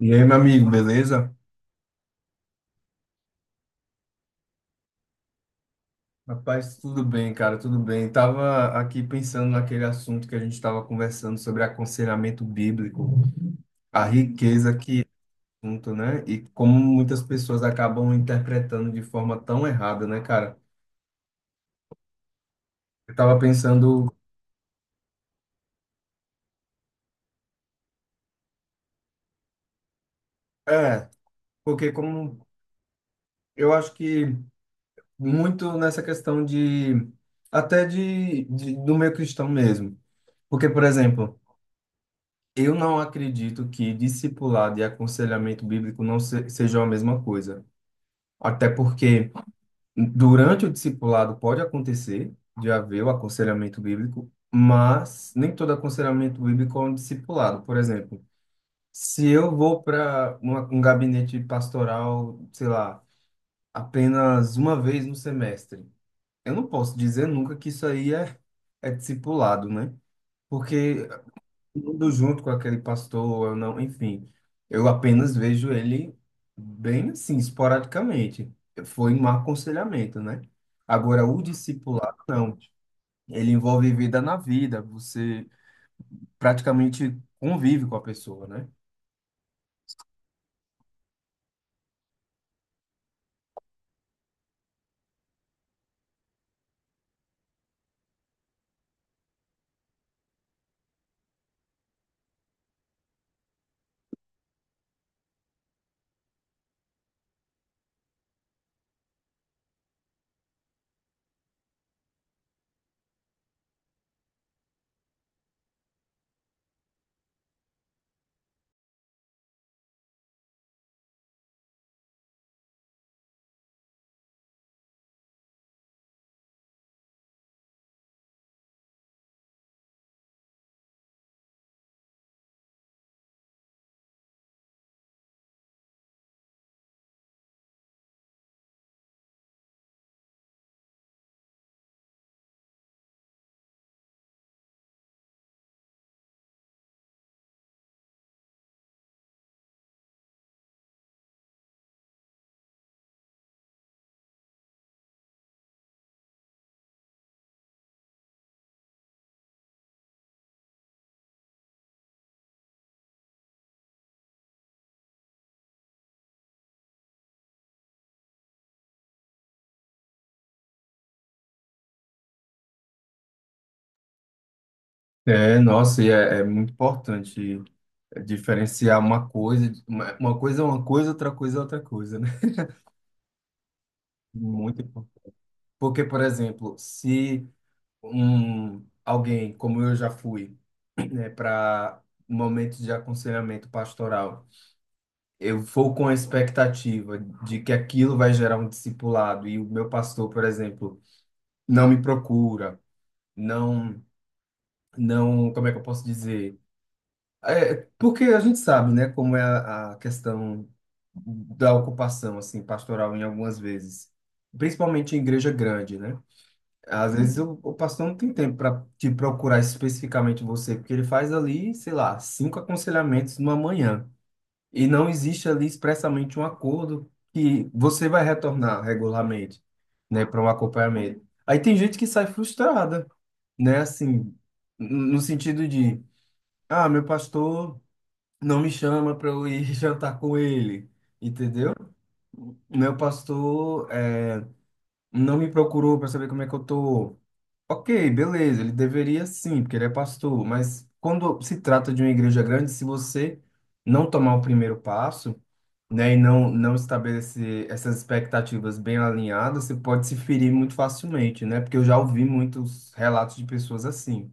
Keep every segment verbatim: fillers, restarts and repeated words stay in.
E aí, meu amigo, beleza? Rapaz, tudo bem, cara, tudo bem. Tava aqui pensando naquele assunto que a gente estava conversando sobre aconselhamento bíblico, a riqueza que é o assunto, né? E como muitas pessoas acabam interpretando de forma tão errada, né, cara? Eu tava pensando, é, porque como eu acho que muito nessa questão de até de, de do meio cristão mesmo. Porque, por exemplo, eu não acredito que discipulado e aconselhamento bíblico não se, sejam a mesma coisa. Até porque durante o discipulado pode acontecer de haver o aconselhamento bíblico, mas nem todo aconselhamento bíblico é um discipulado. Por exemplo, se eu vou para um gabinete pastoral, sei lá, apenas uma vez no semestre, eu não posso dizer nunca que isso aí é, é discipulado, né? Porque indo junto com aquele pastor, eu não, enfim, eu apenas vejo ele bem assim, esporadicamente. Foi um aconselhamento, né? Agora, o discipulado, não. Ele envolve vida na vida, você praticamente convive com a pessoa, né? É, nossa, e é, é muito importante diferenciar uma coisa, uma uma coisa é uma coisa, outra coisa é outra coisa, né? Muito importante. Porque, por exemplo, se um alguém como eu já fui, né, para momentos de aconselhamento pastoral, eu for com a expectativa de que aquilo vai gerar um discipulado e o meu pastor, por exemplo, não me procura, não, não, como é que eu posso dizer? É, porque a gente sabe, né, como é a, a questão da ocupação assim pastoral em algumas vezes, principalmente em igreja grande, né? Às vezes o, o pastor não tem tempo para te procurar especificamente você, porque ele faz ali, sei lá, cinco aconselhamentos numa manhã. E não existe ali expressamente um acordo que você vai retornar regularmente, né, para um acompanhamento. Aí tem gente que sai frustrada, né, assim, n- no sentido de, ah, meu pastor não me chama para eu ir jantar com ele, entendeu? Meu pastor, é, não me procurou para saber como é que eu tô. Ok, beleza, ele deveria sim, porque ele é pastor, mas quando se trata de uma igreja grande, se você não tomar o primeiro passo, né, e não, não estabelecer essas expectativas bem alinhadas, você pode se ferir muito facilmente, né? Porque eu já ouvi muitos relatos de pessoas assim.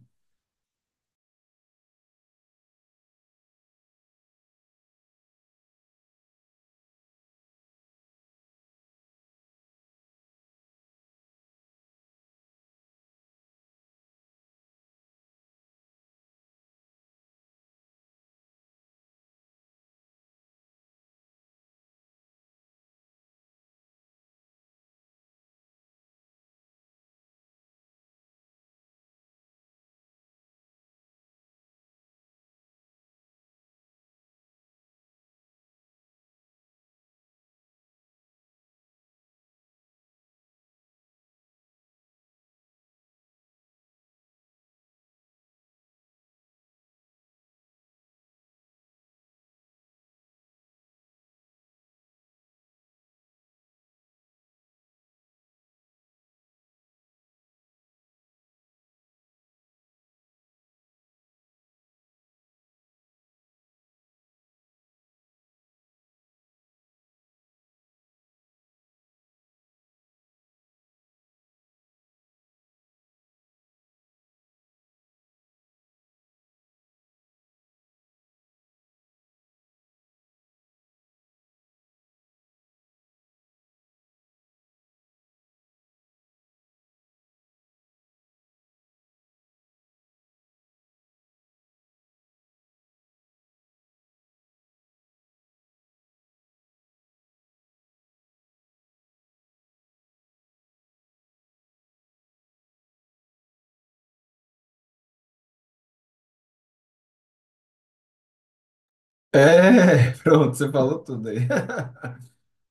É, pronto, você falou tudo aí.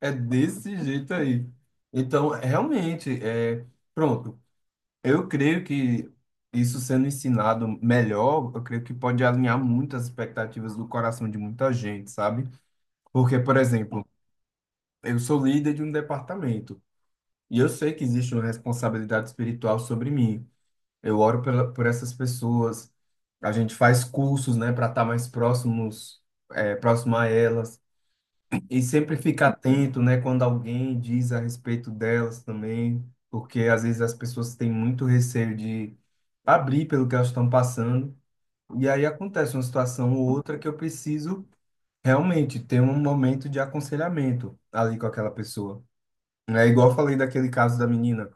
É desse jeito aí. Então, realmente, é, pronto. Eu creio que isso sendo ensinado melhor, eu creio que pode alinhar muito as expectativas do coração de muita gente, sabe? Porque, por exemplo, eu sou líder de um departamento e eu sei que existe uma responsabilidade espiritual sobre mim. Eu oro pela, por essas pessoas, a gente faz cursos, né, para estar mais próximos, é, próximo a elas. E sempre fica atento, né, quando alguém diz a respeito delas também, porque às vezes as pessoas têm muito receio de abrir pelo que elas estão passando. E aí acontece uma situação ou outra que eu preciso realmente ter um momento de aconselhamento ali com aquela pessoa. É igual eu falei daquele caso da menina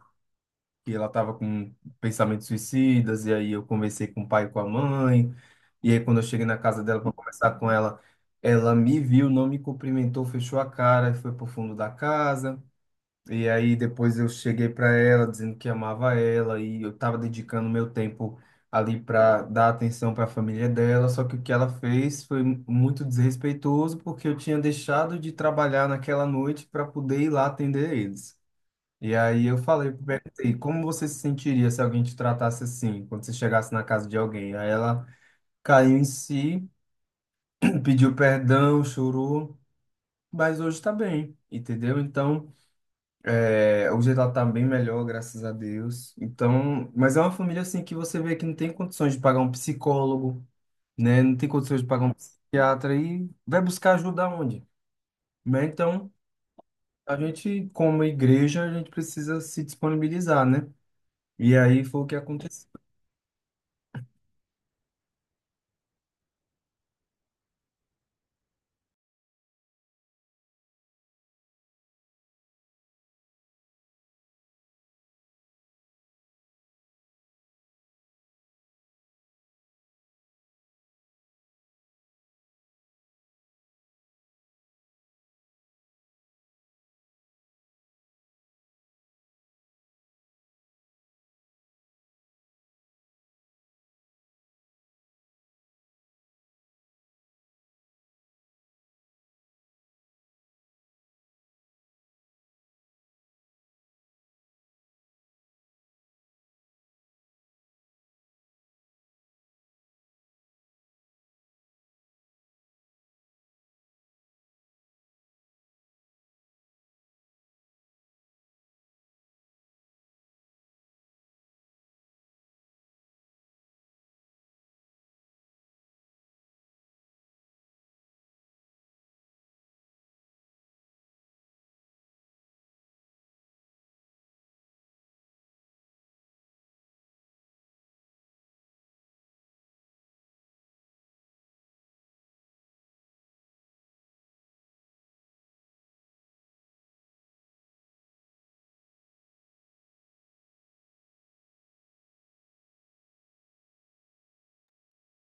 que ela estava com pensamentos suicidas, e aí eu conversei com o pai e com a mãe, e aí quando eu cheguei na casa dela para conversar com ela, ela me viu, não me cumprimentou, fechou a cara e foi pro fundo da casa. E aí depois eu cheguei para ela dizendo que amava ela e eu estava dedicando meu tempo ali para dar atenção para a família dela, só que o que ela fez foi muito desrespeitoso porque eu tinha deixado de trabalhar naquela noite para poder ir lá atender eles. E aí eu falei, perguntei: como você se sentiria se alguém te tratasse assim, quando você chegasse na casa de alguém? Aí ela caiu em si, pediu perdão, chorou, mas hoje tá bem, entendeu? Então, é, hoje ela tá bem melhor, graças a Deus. Então, mas é uma família assim que você vê que não tem condições de pagar um psicólogo, né? Não tem condições de pagar um psiquiatra e vai buscar ajuda onde? Né? Então, a gente, como igreja, a gente precisa se disponibilizar, né? E aí foi o que aconteceu.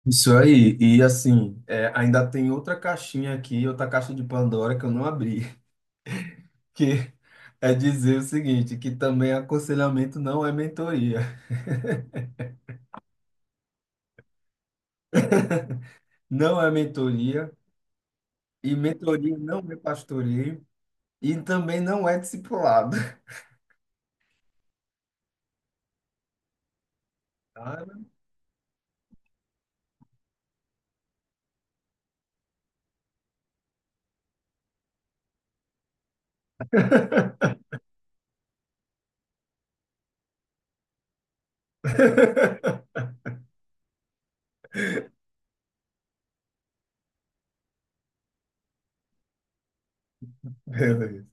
Isso aí, e assim, é, ainda tem outra caixinha aqui, outra caixa de Pandora que eu não abri, que é dizer o seguinte, que também aconselhamento não é mentoria. Não é mentoria, e mentoria não é pastoreio, e também não é discipulado. Ah, beleza.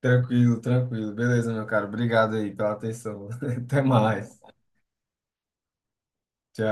Tranquilo, tranquilo. Beleza, meu caro. Obrigado aí pela atenção. Até mais. Tchau.